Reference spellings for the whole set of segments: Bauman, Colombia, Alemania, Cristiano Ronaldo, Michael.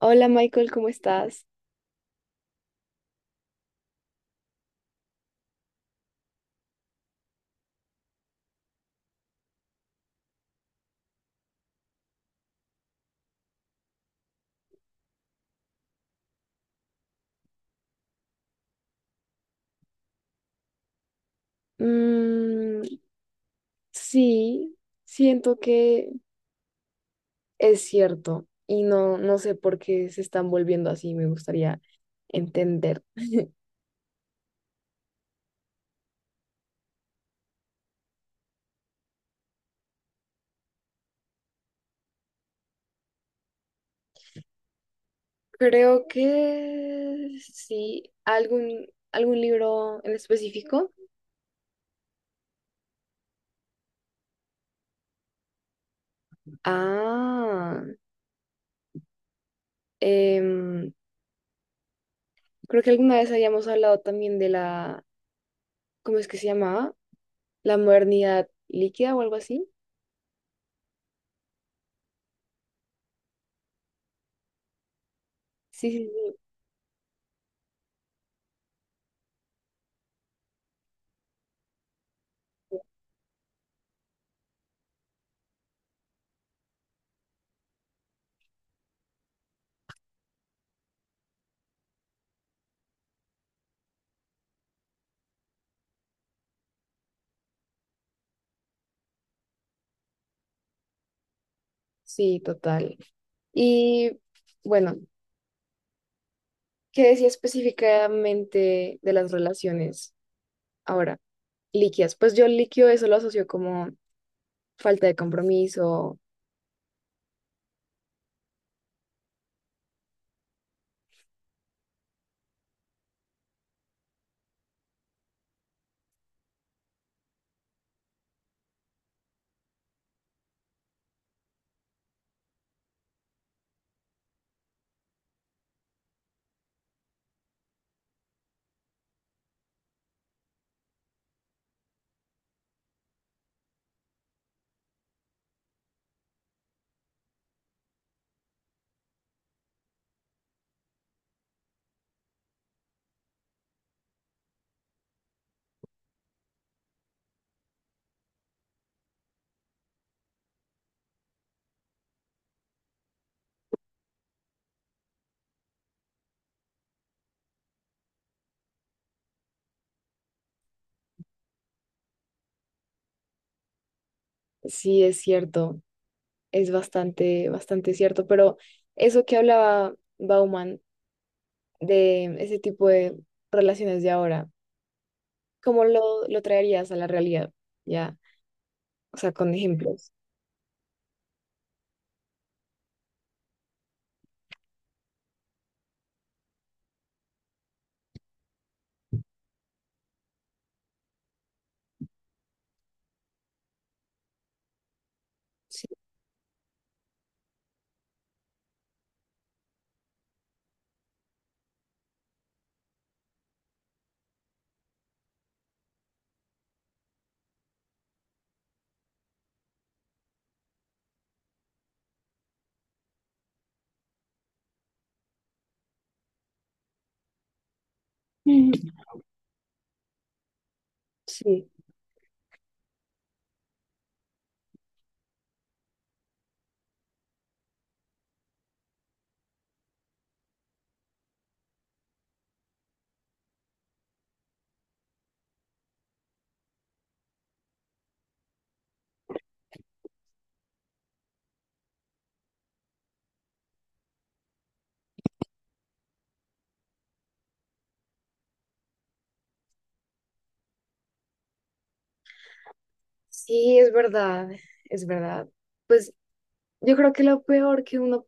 Hola Michael, ¿cómo estás? Mm, sí, siento que es cierto y no, no sé por qué se están volviendo así, me gustaría entender. Creo que sí, algún libro en específico. Ah, em, creo que alguna vez habíamos hablado también de la, ¿cómo es que se llamaba? La modernidad líquida o algo así. Sí, sí, sí, sí, total. Y bueno. ¿Qué decía específicamente de las relaciones ahora líquidas? Pues yo líquido eso lo asocio como falta de compromiso, sí es cierto, es bastante, bastante cierto, pero eso que hablaba Bauman de ese tipo de relaciones de ahora, ¿cómo lo traerías a la realidad? Ya, o sea, con ejemplos. Sí. Mm. Sí, sí, es verdad, es verdad. Pues yo creo que lo peor que uno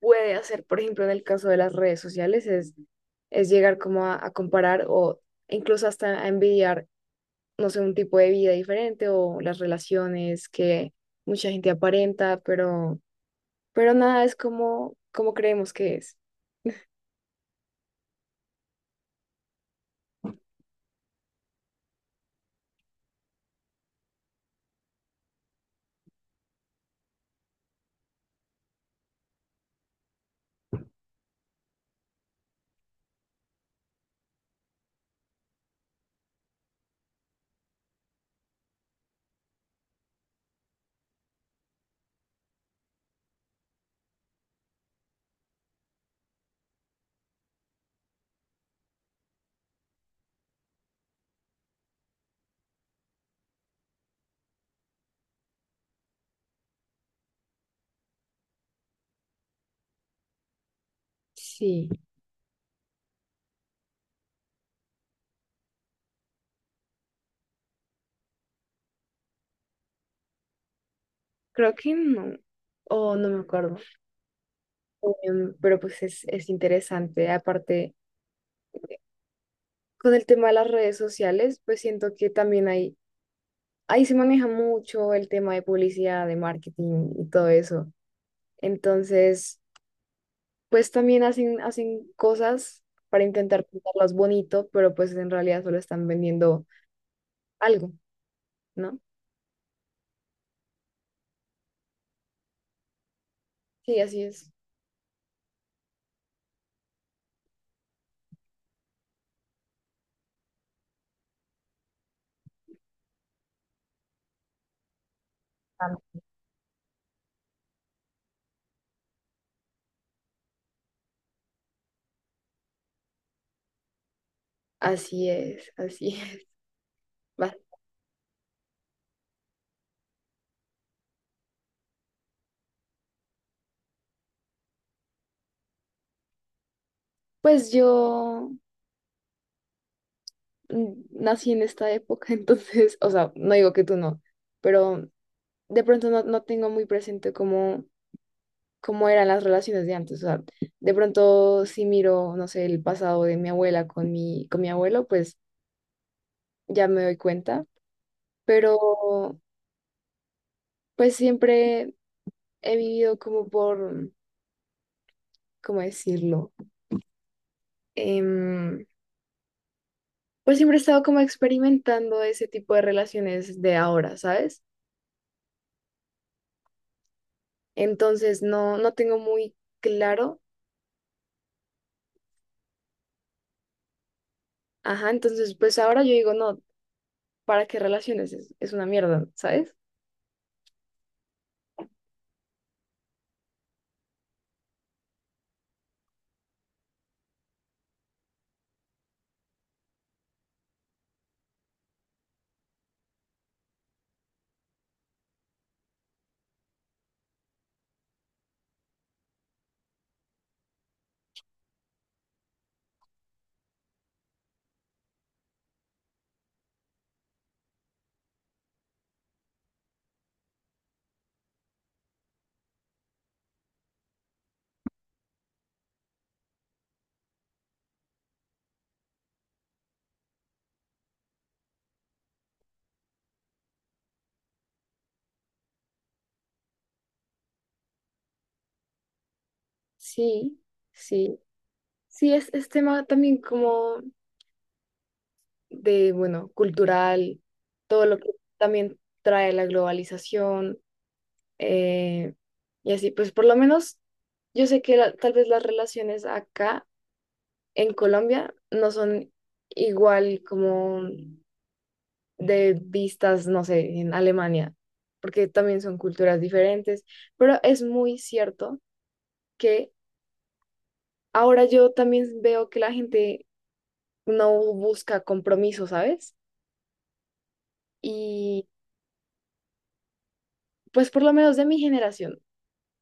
puede hacer, por ejemplo, en el caso de las redes sociales, es llegar como a comparar o incluso hasta a envidiar, no sé, un tipo de vida diferente o las relaciones que mucha gente aparenta, pero nada es como, como creemos que es. Sí. Creo que no, o no me acuerdo. Pero pues es interesante. Aparte, con el tema de las redes sociales, pues siento que también hay, ahí se maneja mucho el tema de publicidad, de marketing y todo eso. Entonces, pues también hacen cosas para intentar pintarlas bonito, pero pues en realidad solo están vendiendo algo, ¿no? Sí, así es. Ah. Así es, así es. Va. Pues yo nací en esta época, entonces, o sea, no digo que tú no, pero de pronto no, no tengo muy presente cómo, cómo eran las relaciones de antes. O sea, de pronto si miro, no sé, el pasado de mi abuela con con mi abuelo, pues ya me doy cuenta, pero pues siempre he vivido como por, ¿cómo decirlo? Em, pues siempre he estado como experimentando ese tipo de relaciones de ahora, ¿sabes? Entonces no, no tengo muy claro. Ajá, entonces pues ahora yo digo, no, ¿para qué relaciones? Es una mierda, ¿sabes? Sí, sí. Sí, es tema también como de, bueno, cultural, todo lo que también trae la globalización, eh, y así, pues por lo menos yo sé que tal vez las relaciones acá en Colombia no son igual como de vistas, no sé, en Alemania, porque también son culturas diferentes, pero es muy cierto que ahora yo también veo que la gente no busca compromiso, ¿sabes? Y pues por lo menos de mi generación,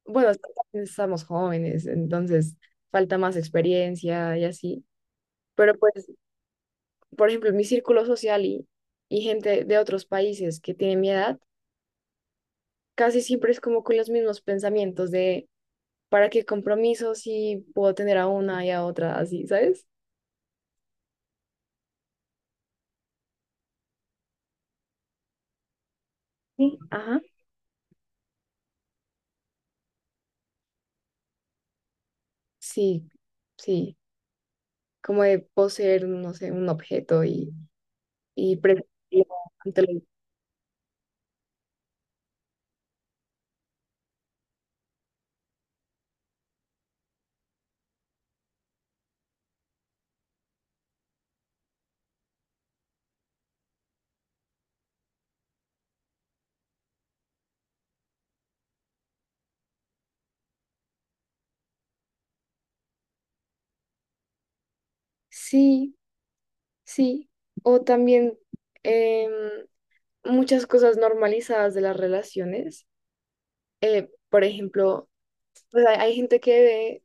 bueno, estamos jóvenes, entonces falta más experiencia y así. Pero pues por ejemplo, en mi círculo social y gente de otros países que tienen mi edad, casi siempre es como con los mismos pensamientos de para qué compromiso si puedo tener a una y a otra así, ¿sabes? Sí. Ajá, sí, sí, como de poseer, no sé, un objeto y preferirlo ante sí, sí, o también em, muchas cosas normalizadas de las relaciones, por ejemplo, pues hay gente que ve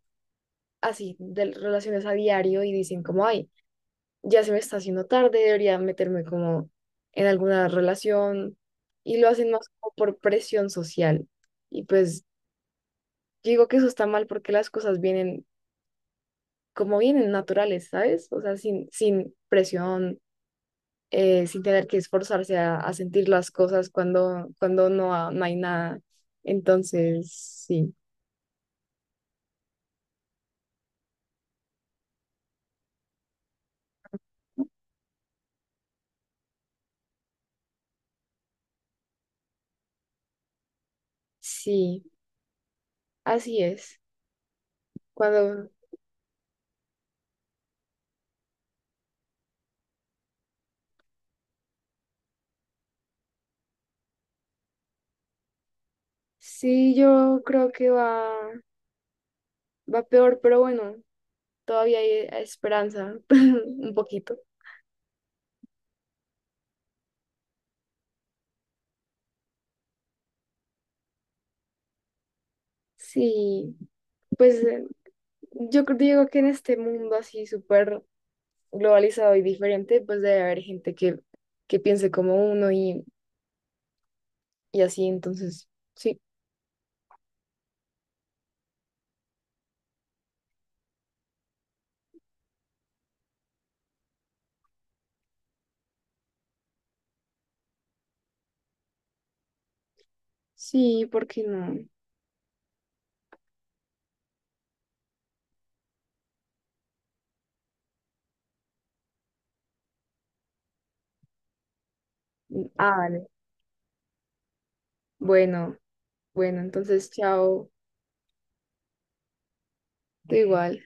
así de relaciones a diario y dicen como, ay, ya se me está haciendo tarde, debería meterme como en alguna relación y lo hacen más como por presión social. Y pues digo que eso está mal porque las cosas vienen como vienen naturales, ¿sabes? O sea, sin, sin presión, sin tener que esforzarse a sentir las cosas cuando, cuando no, no hay nada. Entonces, sí, sí, así es. Cuando sí, yo creo que va va peor, pero bueno, todavía hay esperanza, un poquito. Sí, pues yo digo que en este mundo así súper globalizado y diferente, pues debe haber gente que piense como uno y así, entonces, sí, sí, ¿por qué no? Ah, vale. Bueno, bueno, entonces, chao, tú igual.